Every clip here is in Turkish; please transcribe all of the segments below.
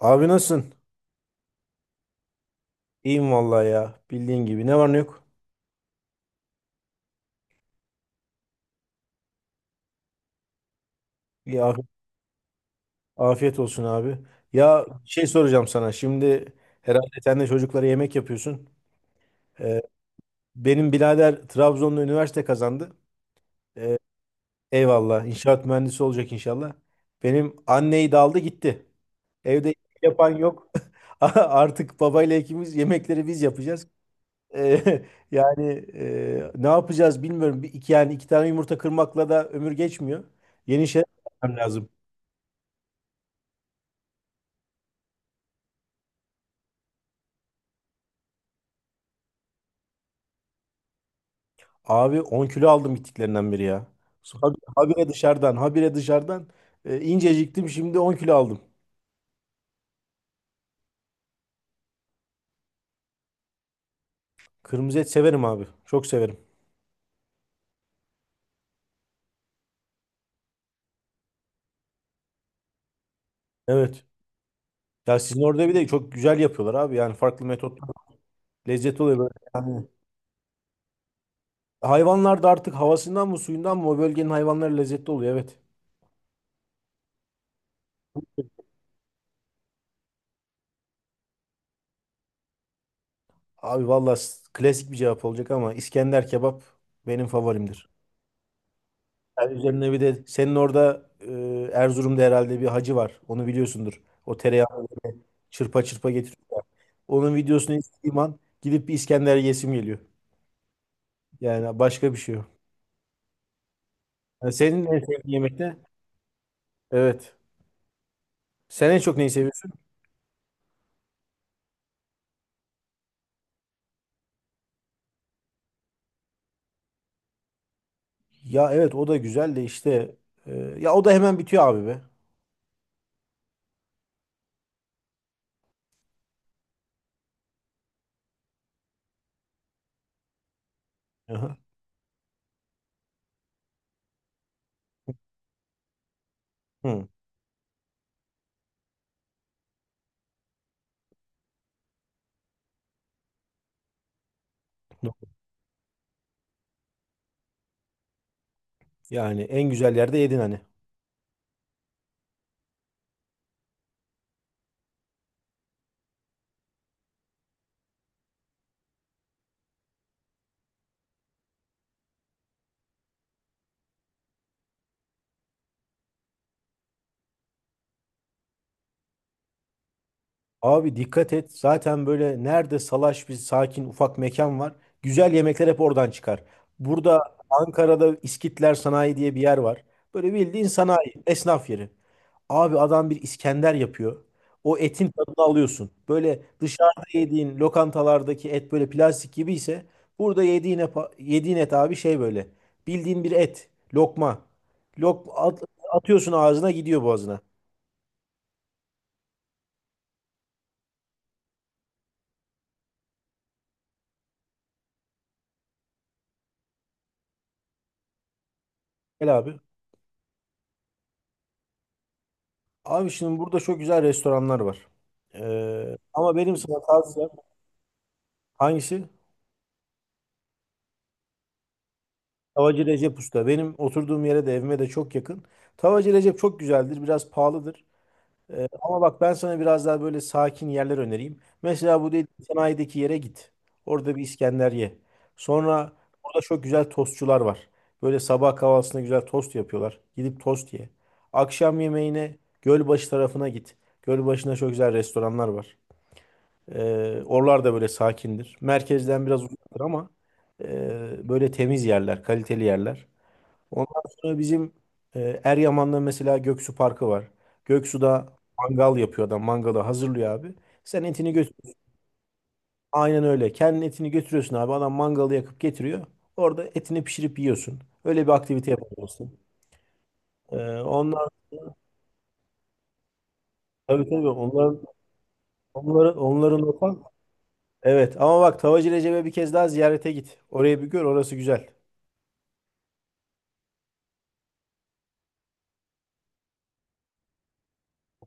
Abi nasılsın? İyiyim vallahi ya. Bildiğin gibi. Ne var ne yok? İyi. Afiyet olsun abi. Ya şey soracağım sana. Şimdi herhalde sen de çocuklara yemek yapıyorsun. Ee, Benim birader Trabzon'da üniversite kazandı. Ee, Eyvallah. İnşaat mühendisi olacak inşallah. Benim anneyi de aldı gitti. Evde yemek yapan yok. Artık babayla ikimiz yemekleri biz yapacağız. Eee, yani ne yapacağız bilmiyorum. Bir, iki, yani iki tane yumurta kırmakla da ömür geçmiyor. Yeni şeyler yapmam lazım. Abi 10 kilo aldım gittiklerinden beri ya. Habire dışarıdan, habire dışarıdan. İnceciktim şimdi 10 kilo aldım. Kırmızı et severim abi. Çok severim. Evet. Ya sizin orada bir de çok güzel yapıyorlar abi. Yani farklı metotlar, lezzetli oluyor böyle. Yani hayvanlar da artık havasından mı suyundan mı, o bölgenin hayvanları lezzetli oluyor. Evet. Abi valla klasik bir cevap olacak ama İskender kebap benim favorimdir. Yani üzerine bir de senin orada Erzurum'da herhalde bir hacı var. Onu biliyorsundur. O tereyağı böyle çırpa çırpa getiriyor ya. Onun videosunu izlediğim an gidip bir İskender yesim geliyor. Yani başka bir şey yok. Yani senin en sevdiğin yemek ne? Evet. Sen en çok neyi seviyorsun? Ya evet, o da güzel de işte, e, ya o da hemen bitiyor abi be. Aha. Hı. Yani en güzel yerde yedin hani. Abi dikkat et. Zaten böyle nerede salaş bir sakin ufak mekan var, güzel yemekler hep oradan çıkar. Burada Ankara'da İskitler Sanayi diye bir yer var. Böyle bildiğin sanayi, esnaf yeri. Abi adam bir İskender yapıyor. O etin tadını alıyorsun. Böyle dışarıda yediğin lokantalardaki et böyle plastik gibi ise, burada yediğin, yediğin et abi şey böyle. Bildiğin bir et. Lokma. Lok at- atıyorsun ağzına, gidiyor boğazına. Gel abi. Abi şimdi burada çok güzel restoranlar var. Ama benim sana tavsiyem, hangisi? Tavacı Recep Usta. Benim oturduğum yere de evime de çok yakın. Tavacı Recep çok güzeldir. Biraz pahalıdır. Ama bak, ben sana biraz daha böyle sakin yerler önereyim. Mesela bu değil, sanayideki yere git. Orada bir İskender ye. Sonra burada çok güzel tostçular var. Böyle sabah kahvaltısında güzel tost yapıyorlar. Gidip tost ye. Akşam yemeğine Gölbaşı tarafına git. Gölbaşı'nda çok güzel restoranlar var. Oralar da böyle sakindir. Merkezden biraz uzaktır ama böyle temiz yerler, kaliteli yerler. Ondan sonra bizim Eryaman'da mesela Göksu Parkı var. Göksu'da mangal yapıyor adam. Mangalı hazırlıyor abi. Sen etini götür. Aynen öyle. Kendin etini götürüyorsun abi. Adam mangalı yakıp getiriyor. Orada etini pişirip yiyorsun. Öyle bir aktivite yapıyorsun. Ee, Onlar tabii tabii onların. Evet, ama bak Tavacı Recep'e bir kez daha ziyarete git. Orayı bir gör, orası güzel.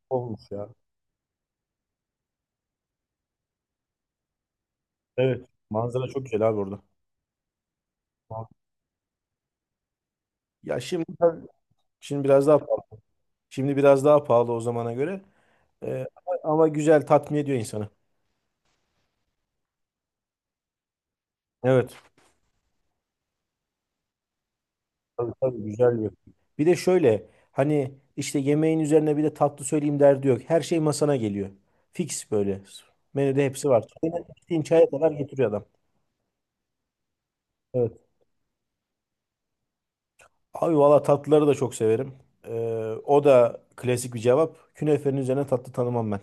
Olmuş ya. Evet. Manzara çok güzel abi orada. Ya şimdi biraz daha pahalı. Şimdi biraz daha pahalı o zamana göre. Ama güzel, tatmin ediyor insanı. Evet. Tabii tabii güzel diyor. Bir de şöyle hani işte, yemeğin üzerine bir de tatlı söyleyeyim derdi yok, her şey masana geliyor. Fix böyle. Menüde hepsi var. Çayına, içtiğin çaya kadar getiriyor adam. Evet. Abi valla tatlıları da çok severim. Ee, O da klasik bir cevap. Künefenin üzerine tatlı tanımam ben.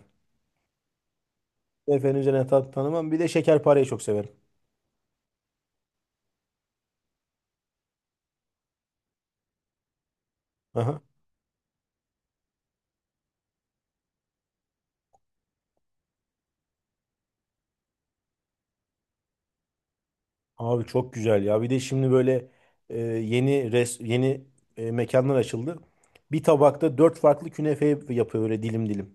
Künefenin üzerine tatlı tanımam. Bir de şekerpareyi çok severim. Aha. Abi çok güzel ya. Bir de şimdi böyle, yeni mekanlar açıldı. Bir tabakta dört farklı künefe yapıyor böyle, dilim dilim.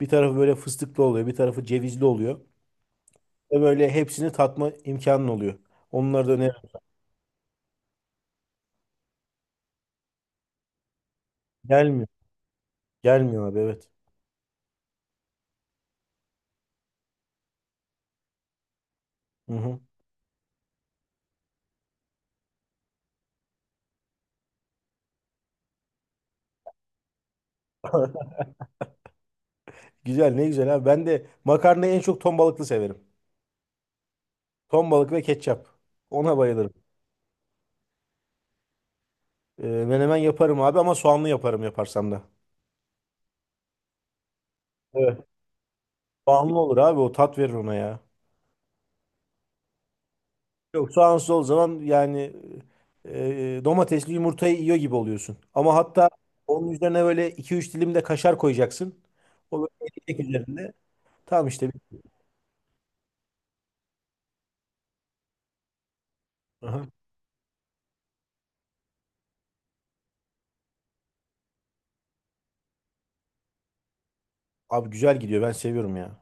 Bir tarafı böyle fıstıklı oluyor, bir tarafı cevizli oluyor. Ve böyle hepsini tatma imkanın oluyor. Onları da öneririm. Gelmiyor. Gelmiyor abi, evet. Hı hı. Güzel, ne güzel abi. Ben de makarnayı en çok ton balıklı severim. Ton balık ve ketçap. Ona bayılırım. Menemen yaparım abi, ama soğanlı yaparım, yaparsam da. Evet. Soğanlı olur abi, o tat verir ona ya. Yok, sağın sol zaman yani, e, domatesli yumurtayı yiyor gibi oluyorsun. Ama hatta onun üzerine böyle 2-3 dilim de kaşar koyacaksın. O böyle ekmek üzerinde. Tamam işte. Aha. Abi güzel gidiyor, ben seviyorum ya.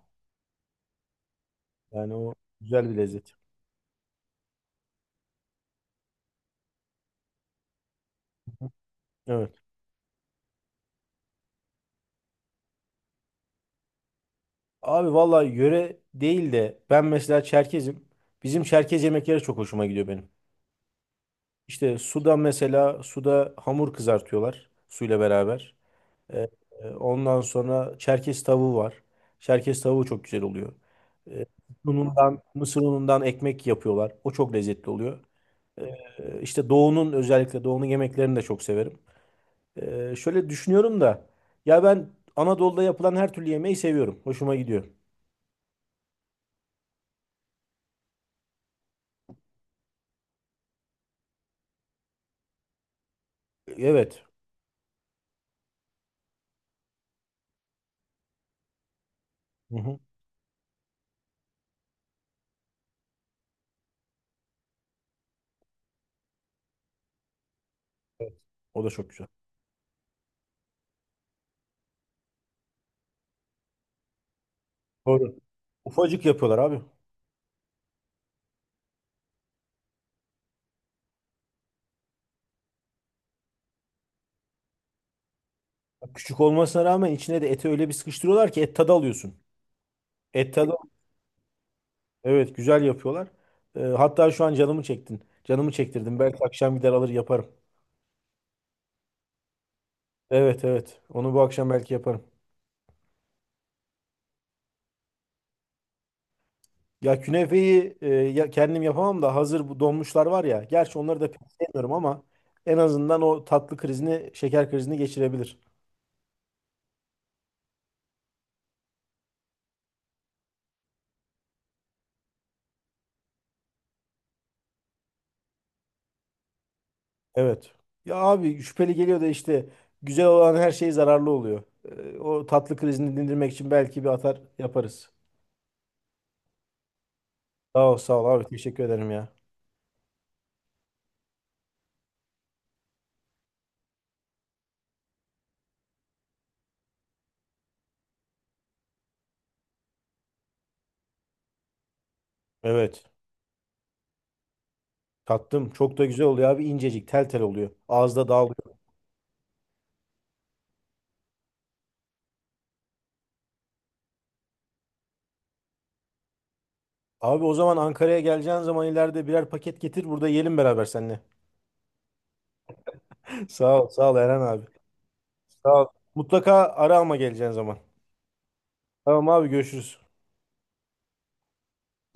Yani o güzel bir lezzet. Evet. Abi vallahi yöre değil de, ben mesela Çerkezim. Bizim Çerkez yemekleri çok hoşuma gidiyor benim. İşte suda mesela, suda hamur kızartıyorlar suyla beraber. E, Ondan sonra Çerkez tavuğu var. Çerkez tavuğu çok güzel oluyor. E, mısır unundan ekmek yapıyorlar. O çok lezzetli oluyor. İşte doğunun, özellikle doğunun yemeklerini de çok severim. Şöyle düşünüyorum da, ya ben Anadolu'da yapılan her türlü yemeği seviyorum. Hoşuma gidiyor. Evet. Hı hı. Evet. O da çok güzel. Doğru. Ufacık yapıyorlar abi. Küçük olmasına rağmen içine de eti öyle bir sıkıştırıyorlar ki et tadı alıyorsun. Et tadı Evet, güzel yapıyorlar. Hatta şu an canımı çektin. Canımı çektirdin. Belki akşam gider alır yaparım. Evet evet. Onu bu akşam belki yaparım. Ya künefeyi, ya kendim yapamam da hazır bu donmuşlar var ya. Gerçi onları da pek sevmiyorum, ama en azından o tatlı krizini, şeker krizini geçirebilir. Evet. Ya abi şüpheli geliyor da işte, güzel olan her şey zararlı oluyor. O tatlı krizini dindirmek için belki bir atar yaparız. Sağ ol sağ ol abi, teşekkür ederim ya. Evet. Tattım. Çok da güzel oluyor abi. İncecik, tel tel oluyor. Ağızda dağılıyor. Abi o zaman Ankara'ya geleceğin zaman ileride birer paket getir. Burada yiyelim beraber seninle. Sağ ol. Sağ ol Eren abi. Sağ ol. Mutlaka ara ama, geleceğin zaman. Tamam abi görüşürüz.